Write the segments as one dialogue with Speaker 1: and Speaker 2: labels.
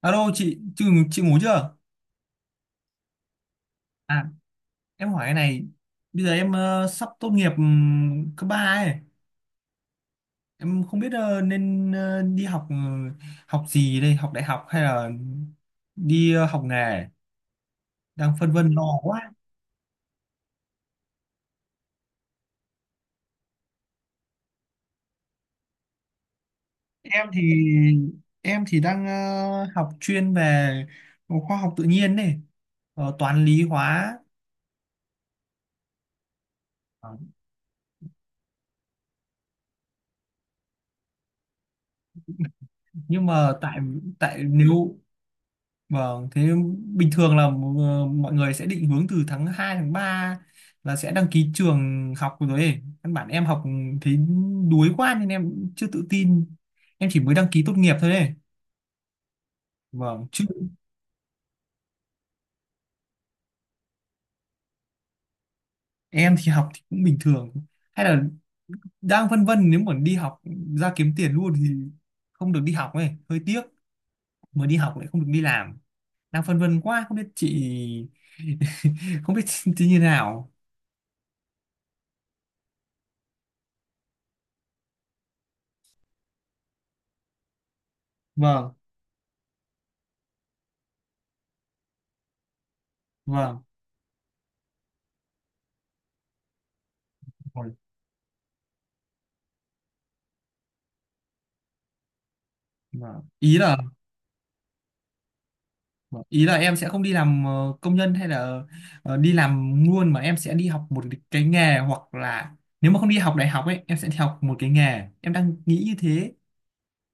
Speaker 1: Alo chị, chị ngủ chưa? À, em hỏi cái này, bây giờ em sắp tốt nghiệp cấp 3 ấy. Em không biết nên đi học học gì đây, học đại học hay là đi học nghề, đang phân vân lo quá. Em thì em thì đang học chuyên về khoa học tự nhiên này, toán lý hóa. Ờ. Nhưng mà tại tại nếu Vâng, thế bình thường là mọi người sẽ định hướng từ tháng 2 tháng 3 là sẽ đăng ký trường học rồi ấy. Căn bản em học thấy đuối quá nên em chưa tự tin. Em chỉ mới đăng ký tốt nghiệp thôi ấy. Vâng, chứ em thì học thì cũng bình thường. Hay là đang vân vân nếu mà đi học ra kiếm tiền luôn thì không được đi học ấy, hơi tiếc. Mới đi học lại không được đi làm. Đang phân vân quá, không biết chị không biết chị như thế nào. Vâng, vâng. Vâng. Ý là Vâng, ý là em sẽ không đi làm công nhân hay là đi làm luôn mà em sẽ đi học một cái nghề hoặc là nếu mà không đi học đại học ấy em sẽ đi học một cái nghề, em đang nghĩ như thế.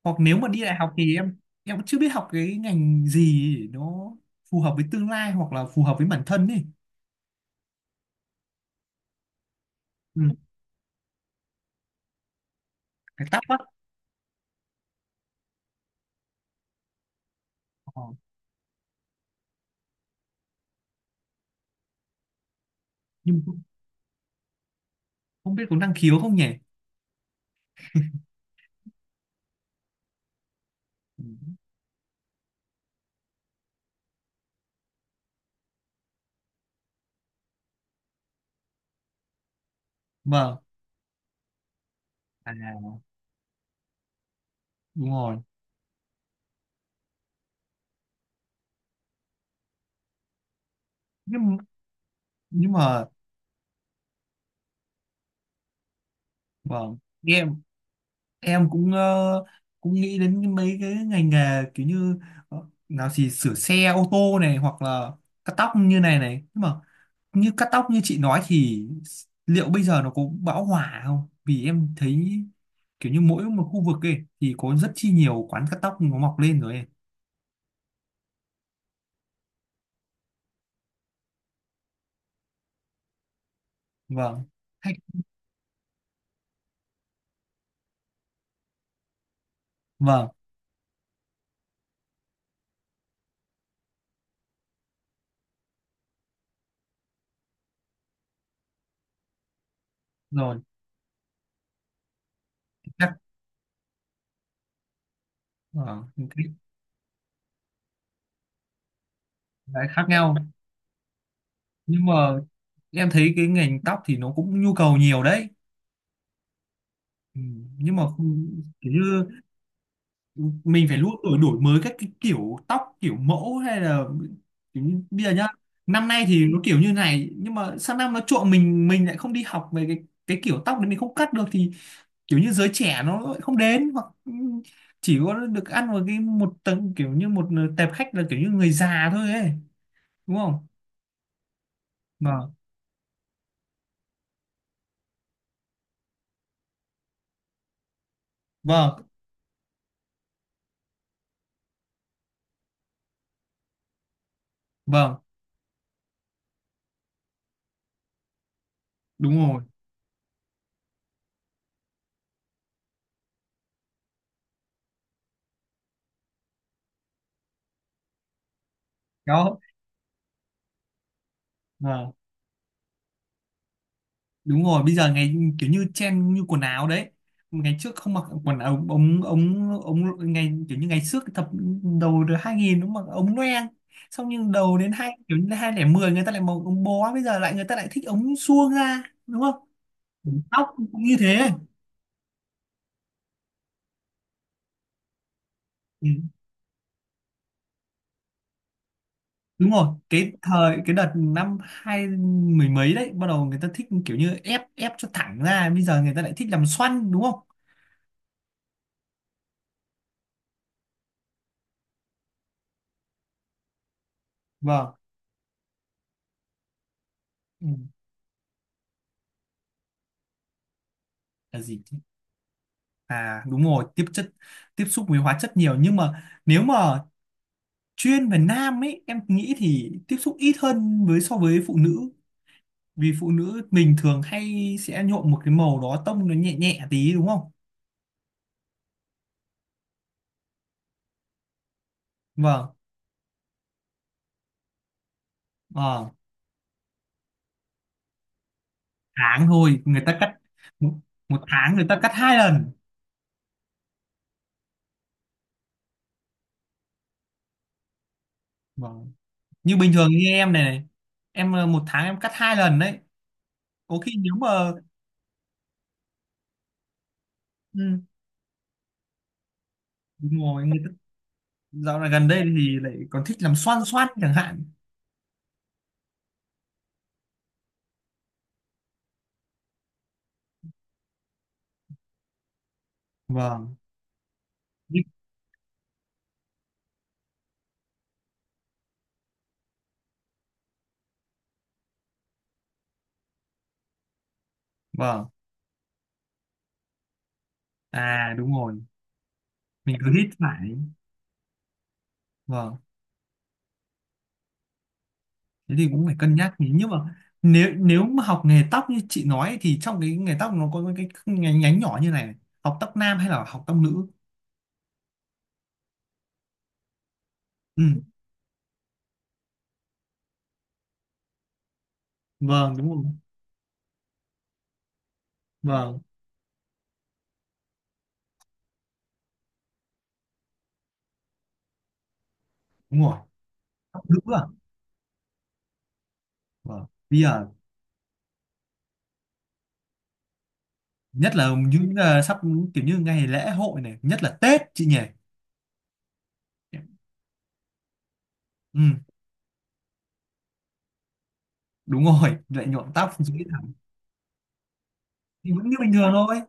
Speaker 1: Hoặc nếu mà đi đại học thì em cũng chưa biết học cái ngành gì nó phù hợp với tương lai hoặc là phù hợp với bản thân ấy. Ừ. Cái tóc á? Ờ, nhưng không không biết có năng khiếu không nhỉ. Ừ. Vâng. À, đúng rồi. Nhưng nhưng mà vâng, nghe em cũng cũng nghĩ đến mấy cái ngành nghề kiểu như ờ, nào thì sửa xe ô tô này hoặc là cắt tóc như này này. Nhưng mà như cắt tóc như chị nói thì liệu bây giờ nó có bão hòa không, vì em thấy kiểu như mỗi một khu vực ấy thì có rất chi nhiều quán cắt tóc nó mọc lên rồi ấy. Vâng. Hay- vâng, rồi, chắc, vâng. Cái khác nhau. Nhưng mà em thấy cái ngành tóc thì nó cũng nhu cầu nhiều đấy. Ừ, nhưng mà không- kiểu như mình phải luôn đổi đổi mới các cái kiểu tóc kiểu mẫu hay là kiểu như bây giờ nhá, năm nay thì nó kiểu như này nhưng mà sang năm nó trộn, mình lại không đi học về cái kiểu tóc đấy mình không cắt được thì kiểu như giới trẻ nó lại không đến hoặc chỉ có được ăn vào cái một tầng kiểu như một tệp khách là kiểu như người già thôi ấy, đúng không? Vâng, vâng, vâng, đúng rồi đó. Vâng, đúng rồi, bây giờ ngày kiểu như trend như quần áo đấy, ngày trước không mặc quần áo ống ống ống ngày kiểu như ngày trước thập đầu được 2000 nó mặc ống loeng, xong nhưng đầu đến hai kiểu như 2010 người ta lại mặc ống bó, bây giờ lại người ta lại thích ống suông ra, đúng không? Tóc cũng như thế. Ừ. Đúng rồi, cái thời cái đợt năm hai mười mấy đấy bắt đầu người ta thích kiểu như ép ép cho thẳng ra, bây giờ người ta lại thích làm xoăn, đúng không? Vâng. Ừ. Là gì? À đúng rồi, tiếp xúc với hóa chất nhiều nhưng mà nếu mà chuyên về nam ấy em nghĩ thì tiếp xúc ít hơn với so với phụ nữ, vì phụ nữ mình thường hay sẽ nhuộm một cái màu đó tông nó nhẹ nhẹ tí, đúng không? Vâng. ờ, tháng thôi người ta cắt một, Một tháng người ta cắt 2 lần. Vâng. Như bình thường như em này này, em 1 tháng em cắt 2 lần đấy. Có khi nếu mà ừ, đúng rồi, người ta dạo này gần đây thì lại còn thích làm xoăn xoăn chẳng hạn. Vâng. Vâng. À đúng rồi, mình cứ hít phải. Vâng, thế thì cũng phải cân nhắc nhỉ. Nhưng mà nếu nếu mà học nghề tóc như chị nói thì trong cái nghề tóc nó có cái nhánh, nhánh nhỏ như này, học tóc nam hay là học tóc nữ? Ừ, vâng, đúng rồi. Vâng, đúng rồi. Tóc nữ à? Vâng. Bây giờ nhất là những sắp kiểu như ngày lễ hội này, nhất là Tết chị nhỉ. Ừ, đúng rồi, lại nhuộm tóc dưới thẳng thì vẫn như bình thường thôi.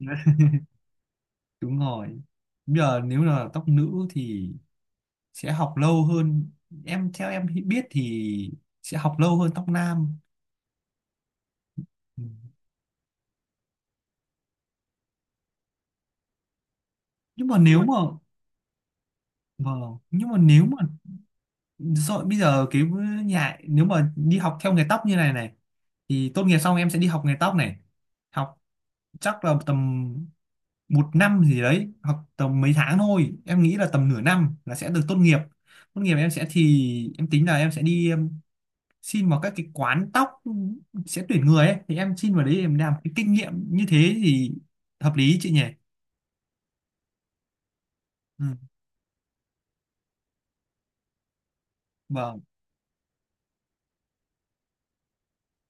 Speaker 1: Đúng rồi. Bây giờ nếu là tóc nữ thì sẽ học lâu hơn, em theo biết thì sẽ học lâu hơn tóc nam. Ừ. nhưng mà nếu mà nhưng mà nếu mà rồi bây giờ cái nhà nếu mà đi học theo nghề tóc như này này thì tốt nghiệp xong em sẽ đi học nghề tóc này, học chắc là tầm 1 năm gì đấy, học tầm mấy tháng thôi, em nghĩ là tầm nửa năm là sẽ được tốt nghiệp. Em sẽ thì em tính là em sẽ đi xin vào các cái quán tóc sẽ tuyển người ấy, thì em xin vào đấy em làm cái kinh nghiệm như thế thì hợp lý chị nhỉ? Ừ. Vâng,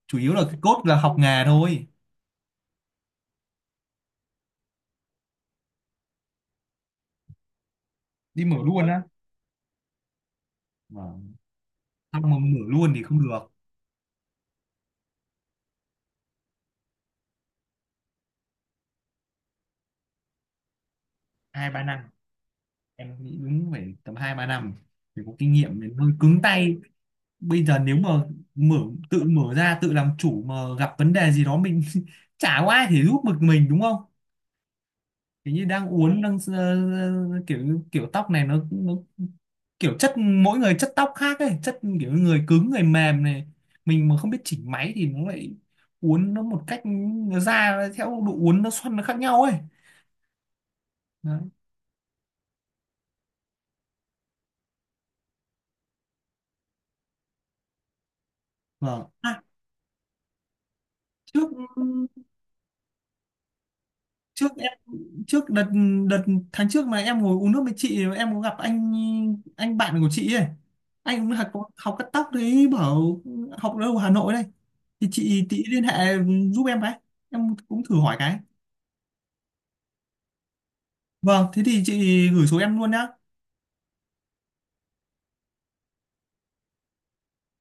Speaker 1: chủ yếu là cái cốt là học nghề thôi. Đi mở luôn á? Vâng. Xong mà mở luôn thì không được. Hai ba năm, em nghĩ đúng phải tầm 2-3 năm thì có kinh nghiệm để hơi cứng tay. Bây giờ nếu mà mở tự mở ra tự làm chủ mà gặp vấn đề gì đó mình chả có ai thể giúp được mình, đúng không? Kiểu như đang uốn đang kiểu kiểu tóc này nó kiểu chất mỗi người chất tóc khác ấy, chất kiểu người cứng người mềm này, mình mà không biết chỉnh máy thì nó lại uốn nó một cách, nó ra theo độ uốn nó xoăn nó khác nhau ấy. Đấy. Vâng. À, trước trước trước đợt đợt tháng trước mà em ngồi uống nước với chị, em có gặp anh bạn của chị ấy, anh cũng học học cắt tóc đấy, bảo học ở đâu, Hà Nội đây thì chị tí liên hệ giúp em cái, em cũng thử hỏi cái. Vâng, thế thì chị gửi số em luôn nhá.